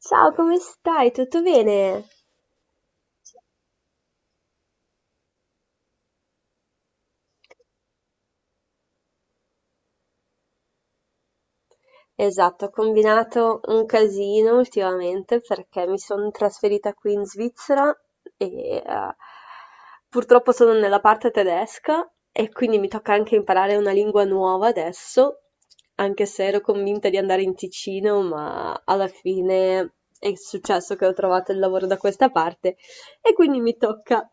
Ciao come stai, tutto bene? Esatto, ho combinato un casino ultimamente perché mi sono trasferita qui in Svizzera e eh, purtroppo sono nella parte tedesca e quindi mi tocca anche imparare una lingua nuova adesso, anche se ero convinta di andare in Ticino, ma alla fine è successo che ho trovato il lavoro da questa parte e quindi mi tocca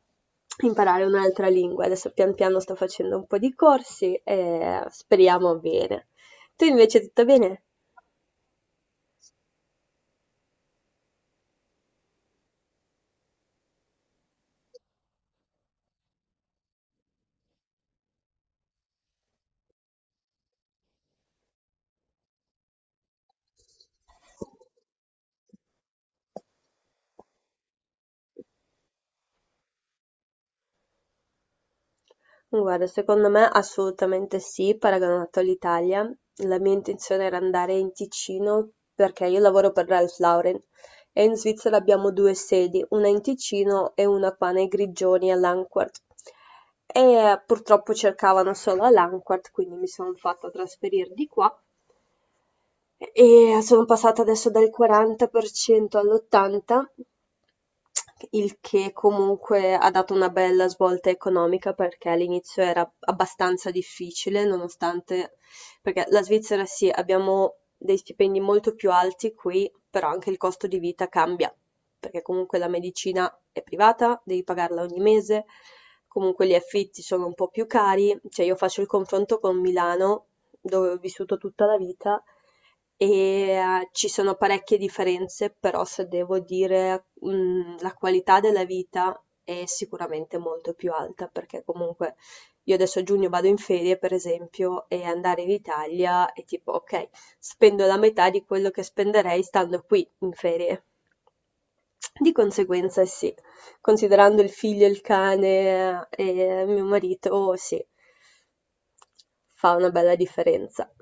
imparare un'altra lingua. Adesso pian piano sto facendo un po' di corsi e speriamo bene. Tu invece tutto bene? Guarda, secondo me assolutamente sì, paragonato all'Italia. La mia intenzione era andare in Ticino perché io lavoro per Ralph Lauren e in Svizzera abbiamo due sedi, una in Ticino e una qua nei Grigioni a Langquart. E purtroppo cercavano solo a Langquart, quindi mi sono fatta trasferire di qua. E sono passata adesso dal 40% all'80, il che comunque ha dato una bella svolta economica perché all'inizio era abbastanza difficile, nonostante, perché la Svizzera sì, abbiamo dei stipendi molto più alti qui, però anche il costo di vita cambia, perché comunque la medicina è privata, devi pagarla ogni mese, comunque gli affitti sono un po' più cari, cioè io faccio il confronto con Milano dove ho vissuto tutta la vita e ci sono parecchie differenze, però se devo dire, la qualità della vita è sicuramente molto più alta, perché comunque io adesso a giugno vado in ferie, per esempio, e andare in Italia è tipo, ok, spendo la metà di quello che spenderei stando qui in ferie. Di conseguenza, sì, considerando il figlio, il cane e mio marito, sì, fa una bella differenza.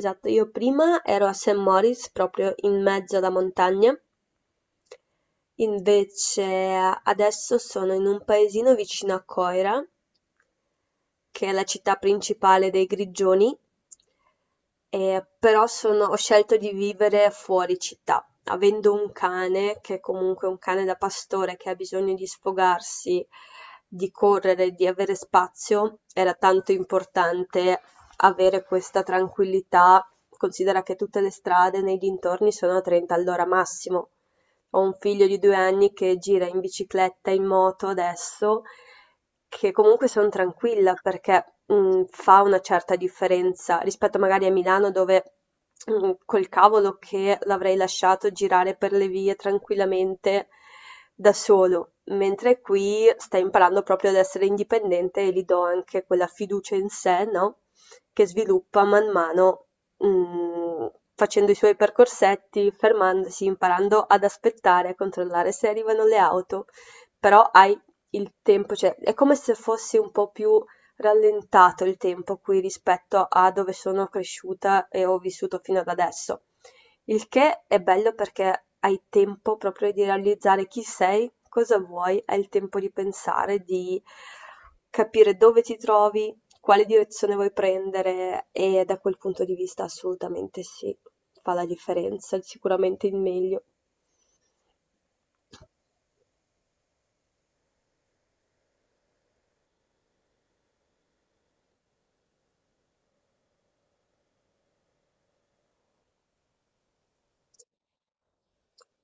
Esatto, io prima ero a St. Moritz, proprio in mezzo alla montagna, invece adesso sono in un paesino vicino a Coira che è la città principale dei Grigioni, però ho scelto di vivere fuori città, avendo un cane, che è comunque un cane da pastore che ha bisogno di sfogarsi, di correre, di avere spazio, era tanto importante avere questa tranquillità. Considera che tutte le strade nei dintorni sono a 30 all'ora massimo. Ho un figlio di 2 anni che gira in bicicletta, in moto adesso, che comunque son tranquilla perché, mhmm, fa una certa differenza rispetto magari a Milano dove, mhmm, col cavolo che l'avrei lasciato girare per le vie tranquillamente da solo, mentre qui sta imparando proprio ad essere indipendente e gli do anche quella fiducia in sé, no, che sviluppa man mano mm, facendo i suoi percorsetti, fermandosi, imparando ad aspettare, a controllare se arrivano le auto, però hai il tempo, cioè è come se fosse un po' più rallentato il tempo qui rispetto a dove sono cresciuta e ho vissuto fino ad adesso. Il che è bello perché hai tempo proprio di realizzare chi sei, cosa vuoi, hai il tempo di pensare, di capire dove ti trovi, quale direzione vuoi prendere? E da quel punto di vista assolutamente sì, fa la differenza, sicuramente il meglio.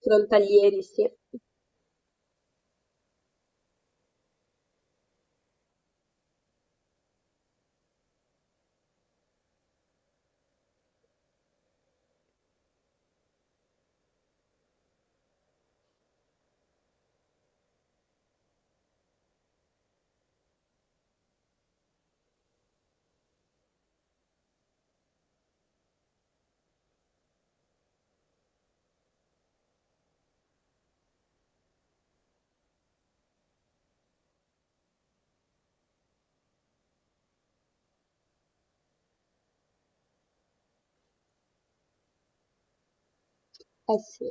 Frontalieri sì, eh sì.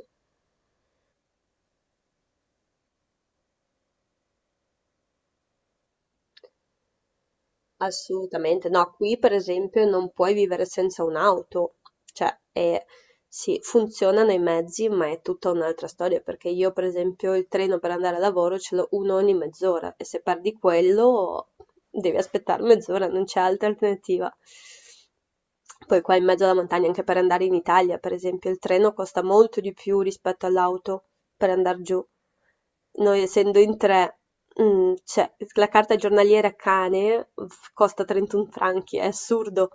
Assolutamente, no, qui per esempio non puoi vivere senza un'auto, cioè è sì, funzionano i mezzi, ma è tutta un'altra storia, perché io per esempio il treno per andare a lavoro ce l'ho uno ogni mezz'ora e se perdi quello devi aspettare mezz'ora, non c'è altra alternativa. Poi qua in mezzo alla montagna, anche per andare in Italia, per esempio, il treno costa molto di più rispetto all'auto per andar giù. Noi essendo in tre, mhmm, cioè la carta giornaliera costa 31 franchi, è assurdo.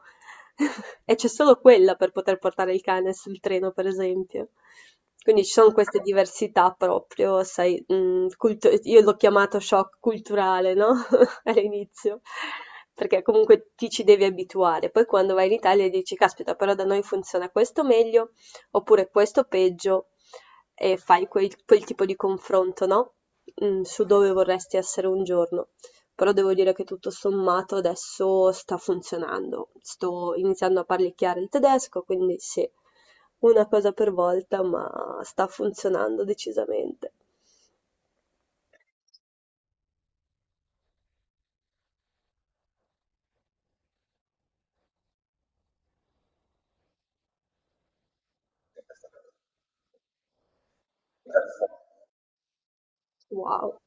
E c'è solo quella per poter portare il cane sul treno, per esempio. Quindi ci sono queste diversità proprio, sai, io l'ho chiamato shock culturale, no? All'inizio, perché comunque ti ci devi abituare. Poi quando vai in Italia dici, caspita, però da noi funziona questo meglio, oppure questo peggio e fai quel, quel tipo di confronto, no? Su dove vorresti essere un giorno. Però devo dire che tutto sommato adesso sta funzionando. Sto iniziando a parlicchiare il tedesco, quindi sì, una cosa per volta, ma sta funzionando decisamente. Wow,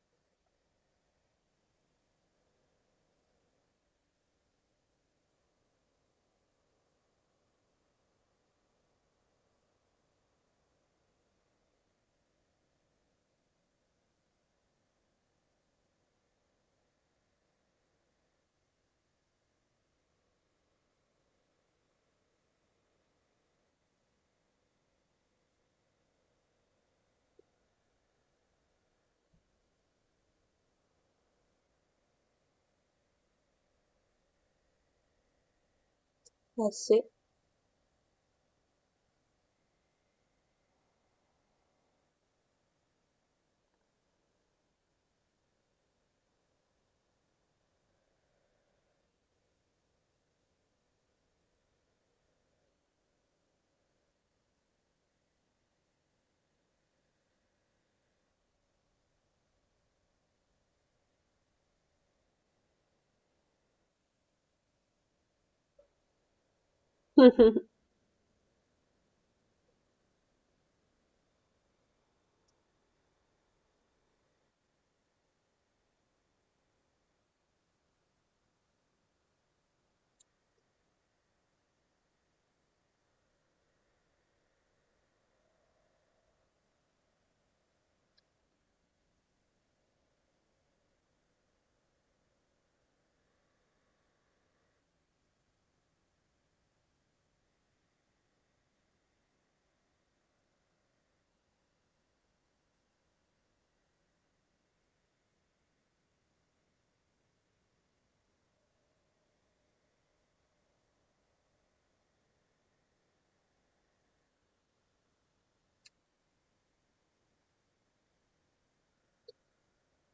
eh sì.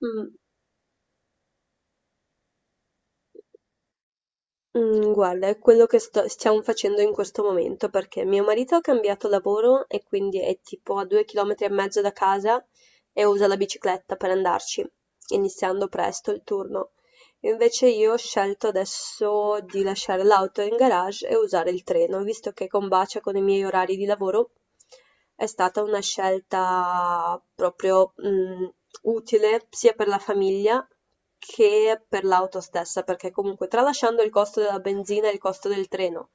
Mm. Mhmm, guarda, è quello che sto stiamo facendo in questo momento, perché mio marito ha cambiato lavoro e quindi è tipo a 2 chilometri e mezzo da casa e usa la bicicletta per andarci, iniziando presto il turno. Invece io ho scelto adesso di lasciare l'auto in garage e usare il treno, visto che combacia con i miei orari di lavoro. È stata una scelta proprio, utile sia per la famiglia che per l'auto stessa, perché comunque tralasciando il costo della benzina e il costo del treno,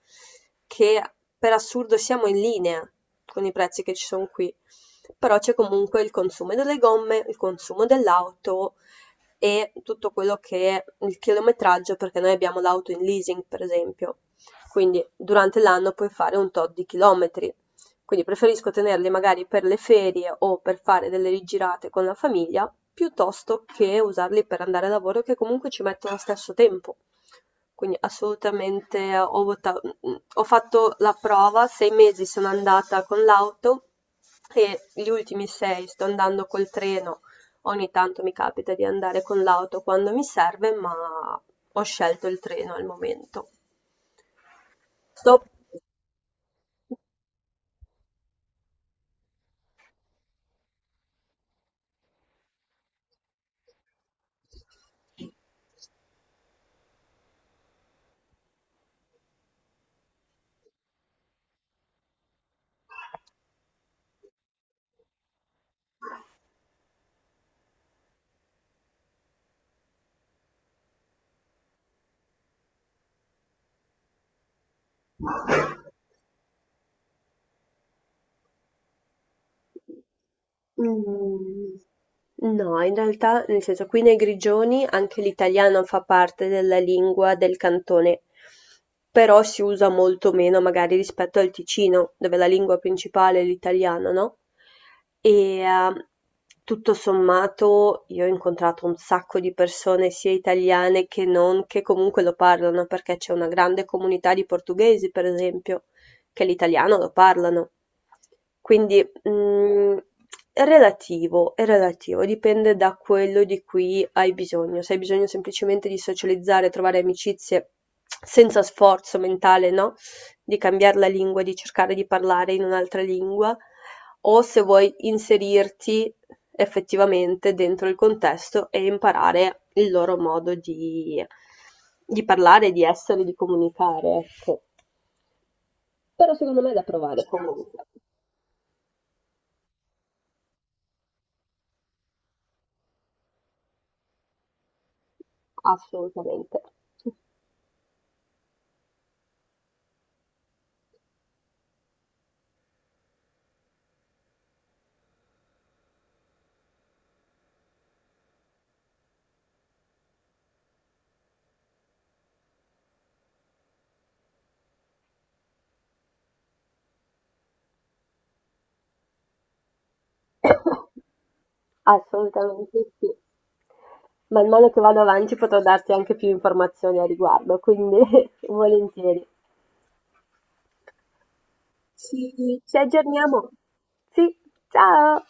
che per assurdo siamo in linea con i prezzi che ci sono qui, però c'è comunque il consumo delle gomme, il consumo dell'auto e tutto quello che è il chilometraggio, perché noi abbiamo l'auto in leasing, per esempio. Quindi durante l'anno puoi fare un tot di chilometri. Quindi preferisco tenerli magari per le ferie o per fare delle rigirate con la famiglia, piuttosto che usarli per andare a lavoro, che comunque ci mettono lo stesso tempo. Quindi assolutamente ho fatto la prova, sei mesi sono andata con l'auto e gli ultimi sei sto andando col treno. Ogni tanto mi capita di andare con l'auto quando mi serve, ma ho scelto il treno al momento. Dop Mhmm, no, in realtà nel senso qui nei Grigioni anche l'italiano fa parte della lingua del cantone, però si usa molto meno magari rispetto al Ticino, dove la lingua principale è l'italiano, no, e, tutto sommato io ho incontrato un sacco di persone sia italiane che non, che comunque lo parlano, perché c'è una grande comunità di portoghesi per esempio, che l'italiano lo parlano. Quindi Mm, è relativo, dipende da quello di cui hai bisogno. Se hai bisogno semplicemente di socializzare, trovare amicizie senza sforzo mentale, no? Di cambiare la lingua, di cercare di parlare in un'altra lingua, o se vuoi inserirti effettivamente dentro il contesto e imparare il loro modo di parlare, di essere, di comunicare, ecco. Però vale comunque, assolutamente. Assolutamente sì. Man mano che vado avanti potrò darti anche più informazioni a riguardo, quindi volentieri. Ci, ci aggiorniamo. Sì, ciao!